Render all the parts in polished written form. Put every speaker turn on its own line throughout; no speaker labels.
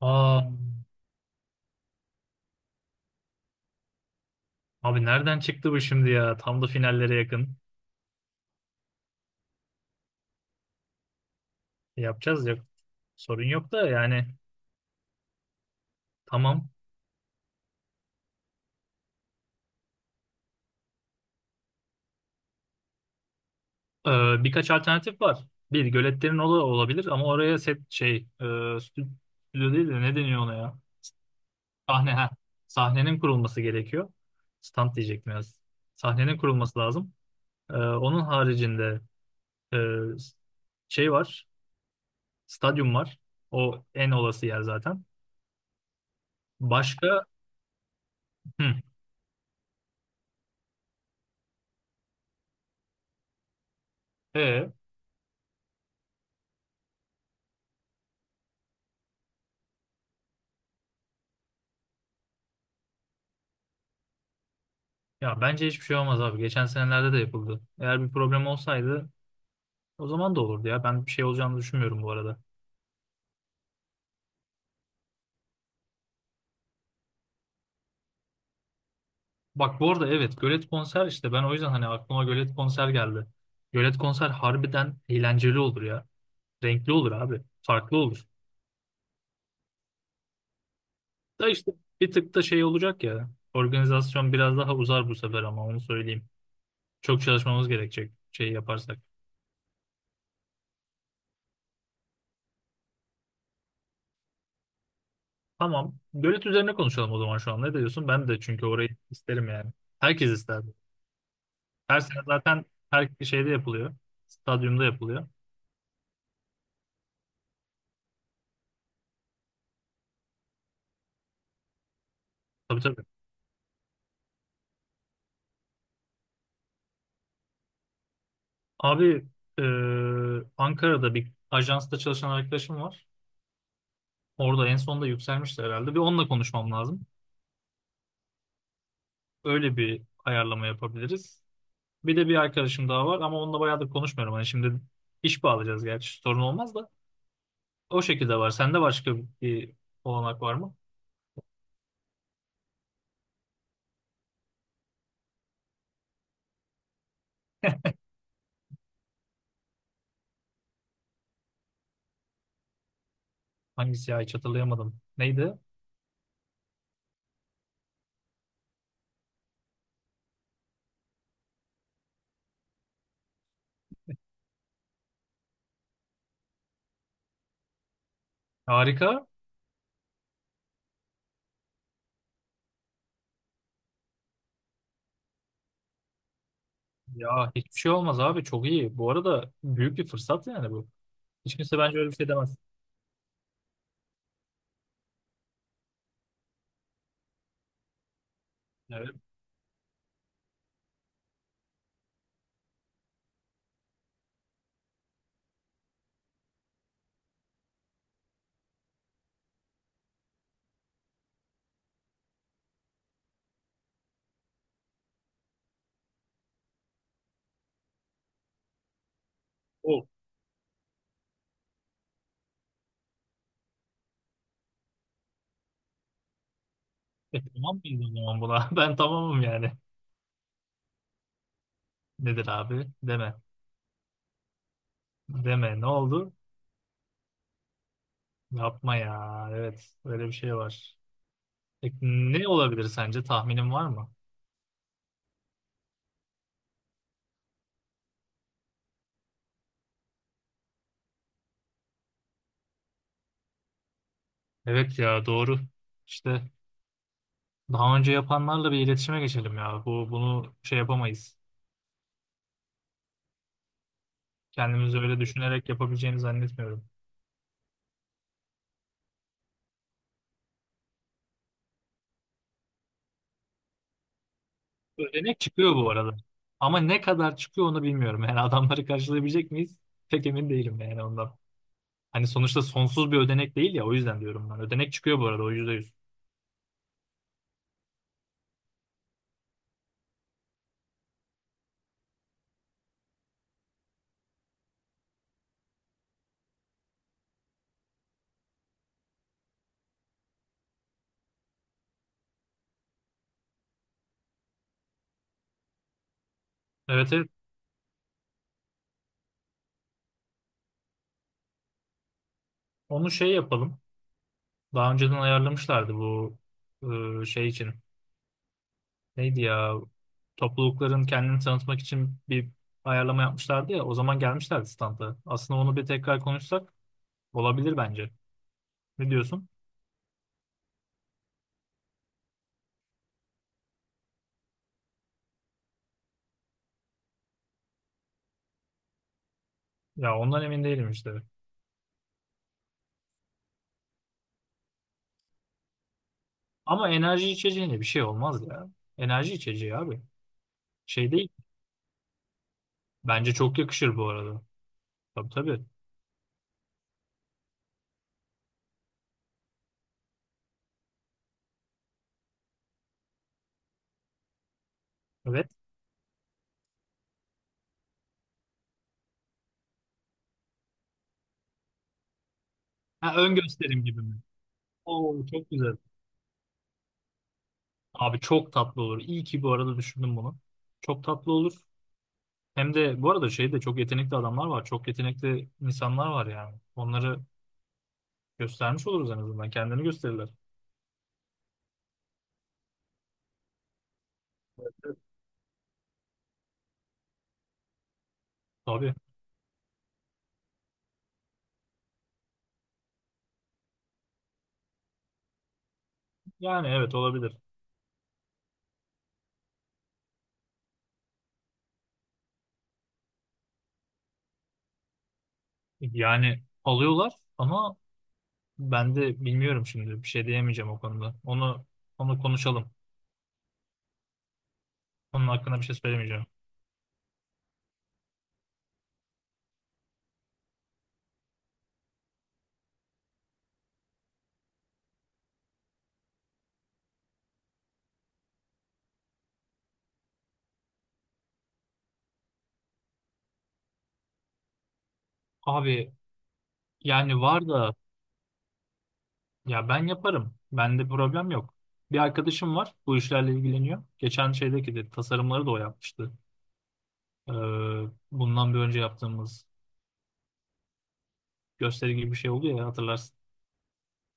Aa, abi nereden çıktı bu şimdi ya? Tam da finallere yakın. Yapacağız ya. Sorun yok da yani tamam. Ee, Birkaç alternatif var. Bir göletlerin olabilir ama oraya set stüdyo değil de ne deniyor ona ya? Sahne ha. Sahnenin kurulması gerekiyor. Stand diyecektim ya. Sahnenin kurulması lazım. Onun haricinde e, şey var. Stadyum var. O en olası yer zaten. Başka hı, e Ya bence hiçbir şey olmaz abi. Geçen senelerde de yapıldı. Eğer bir problem olsaydı o zaman da olurdu ya. Ben bir şey olacağını düşünmüyorum bu arada. Bak bu arada evet, gölet konser işte ben o yüzden hani aklıma gölet konser geldi. Gölet konser harbiden eğlenceli olur ya. Renkli olur abi. Farklı olur. Da işte bir tık da şey olacak ya. Organizasyon biraz daha uzar bu sefer ama onu söyleyeyim. Çok çalışmamız gerekecek şey yaparsak. Tamam. Gölet üzerine konuşalım o zaman şu an. Ne diyorsun? Ben de çünkü orayı isterim yani. Herkes ister. Her sene zaten her şeyde yapılıyor. Stadyumda yapılıyor. Tabii tabii. Abi e, Ankara'da bir ajansta çalışan arkadaşım var. Orada en sonunda yükselmişti herhalde. Bir onunla konuşmam lazım. Öyle bir ayarlama yapabiliriz. Bir de bir arkadaşım daha var ama onunla bayağıdır konuşmuyorum. Hani şimdi iş bağlayacağız gerçi sorun olmaz da. O şekilde var. Sende başka bir olanak var mı? Hangisi ya, hiç hatırlayamadım. Neydi? Harika. Ya hiçbir şey olmaz abi çok iyi. Bu arada büyük bir fırsat yani bu. Hiç kimse bence öyle bir şey demez. Evet. O. E tamam mıyız o zaman buna? Ben tamamım yani. Nedir abi? Deme. Deme. Ne oldu? Yapma ya. Evet. Öyle bir şey var. Peki ne olabilir sence? Tahminin var mı? Evet ya doğru. İşte daha önce yapanlarla bir iletişime geçelim ya. Bu bunu şey yapamayız. Kendimiz öyle düşünerek yapabileceğini zannetmiyorum. Ödenek çıkıyor bu arada. Ama ne kadar çıkıyor onu bilmiyorum. Yani adamları karşılayabilecek miyiz? Pek emin değilim yani ondan. Hani sonuçta sonsuz bir ödenek değil ya, o yüzden diyorum ben. Ödenek çıkıyor bu arada o yüzde yüz. Evet, evet, onu şey yapalım. Daha önceden ayarlamışlardı bu şey için. Neydi ya, toplulukların kendini tanıtmak için bir ayarlama yapmışlardı ya. O zaman gelmişlerdi standa. Aslında onu bir tekrar konuşsak olabilir bence. Ne diyorsun? Ya ondan emin değilim işte. Ama enerji içeceğine bir şey olmaz ya. Enerji içeceği abi. Şey değil. Bence çok yakışır bu arada. Tabii tabii. Evet. Ha, ön gösterim gibi mi? Oo çok güzel. Abi çok tatlı olur. İyi ki bu arada düşündüm bunu. Çok tatlı olur. Hem de bu arada şeyde çok yetenekli adamlar var. Çok yetenekli insanlar var yani. Onları göstermiş oluruz en azından. Kendini gösterirler. Evet. Tabii. Yani evet olabilir. Yani alıyorlar ama ben de bilmiyorum şimdi. Bir şey diyemeyeceğim o konuda. Onu konuşalım. Onun hakkında bir şey söylemeyeceğim. Abi yani var da, ya ben yaparım. Bende problem yok. Bir arkadaşım var. Bu işlerle ilgileniyor. Geçen şeydeki de tasarımları da o yapmıştı. Ee, Bundan bir önce yaptığımız gösteri gibi bir şey oldu ya, hatırlarsın.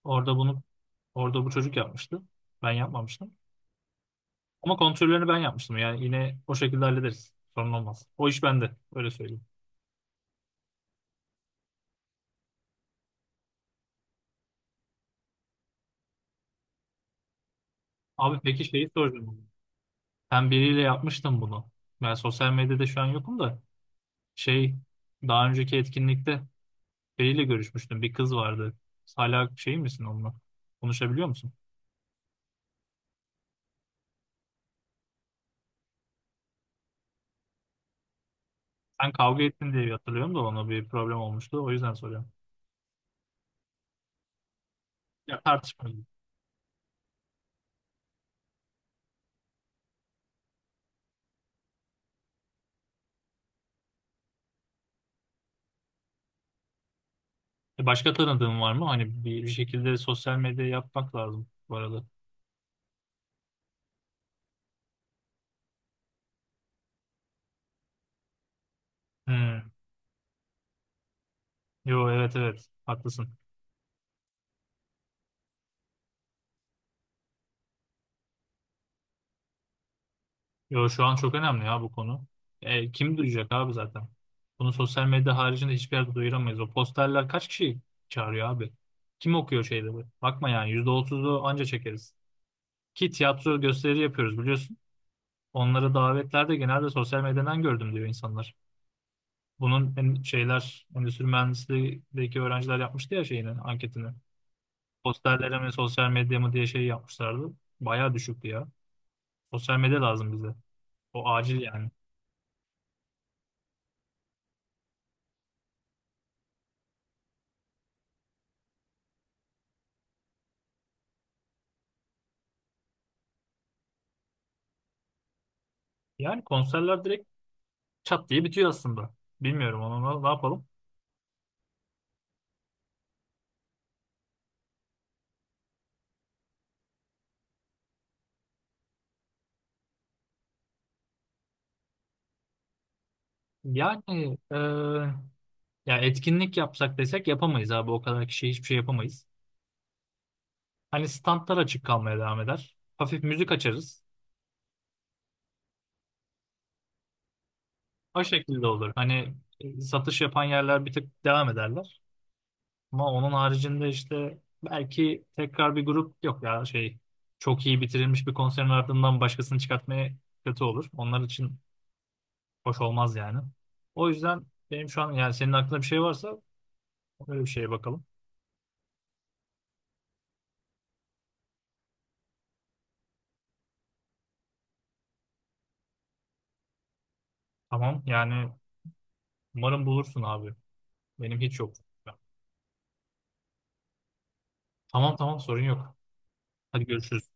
Orada bunu orada bu çocuk yapmıştı. Ben yapmamıştım. Ama kontrollerini ben yapmıştım. Yani yine o şekilde hallederiz. Sorun olmaz. O iş bende. Öyle söyleyeyim. Abi peki şeyi soracağım. Ben biriyle yapmıştım bunu. Ben sosyal medyada şu an yokum da şey, daha önceki etkinlikte biriyle görüşmüştüm. Bir kız vardı. Hala şey misin onunla? Konuşabiliyor musun? Sen kavga ettin diye hatırlıyorum da, ona bir problem olmuştu. O yüzden soruyorum. Ya tartışma. Başka tanıdığın var mı? Hani bir şekilde sosyal medya yapmak lazım bu arada. Hmm. Yo evet, evet, haklısın. Yo şu an çok önemli ya bu konu. Kim duyacak abi zaten? Bunu sosyal medya haricinde hiçbir yerde duyuramayız. O posterler kaç kişi çağırıyor abi? Kim okuyor şeyleri? Bakma yani %30'u anca çekeriz. Ki tiyatro gösteri yapıyoruz biliyorsun. Onları davetlerde genelde sosyal medyadan gördüm diyor insanlar. Şeyler endüstri mühendisliğindeki öğrenciler yapmıştı ya şeyini anketini. Posterlere mi sosyal medya mı diye şey yapmışlardı. Bayağı düşüktü ya. Sosyal medya lazım bize. O acil yani. Yani konserler direkt çat diye bitiyor aslında. Bilmiyorum ama ne yapalım. Yani ya etkinlik yapsak desek yapamayız abi. O kadar kişiye hiçbir şey yapamayız. Hani standlar açık kalmaya devam eder. Hafif müzik açarız. O şekilde olur. Hani satış yapan yerler bir tık devam ederler. Ama onun haricinde işte belki tekrar bir grup yok ya, şey, çok iyi bitirilmiş bir konserin ardından başkasını çıkartmaya kötü olur. Onlar için hoş olmaz yani. O yüzden benim şu an yani senin aklında bir şey varsa öyle bir şeye bakalım. Tamam yani umarım bulursun abi. Benim hiç yok. Tamam, tamam, sorun yok. Hadi görüşürüz.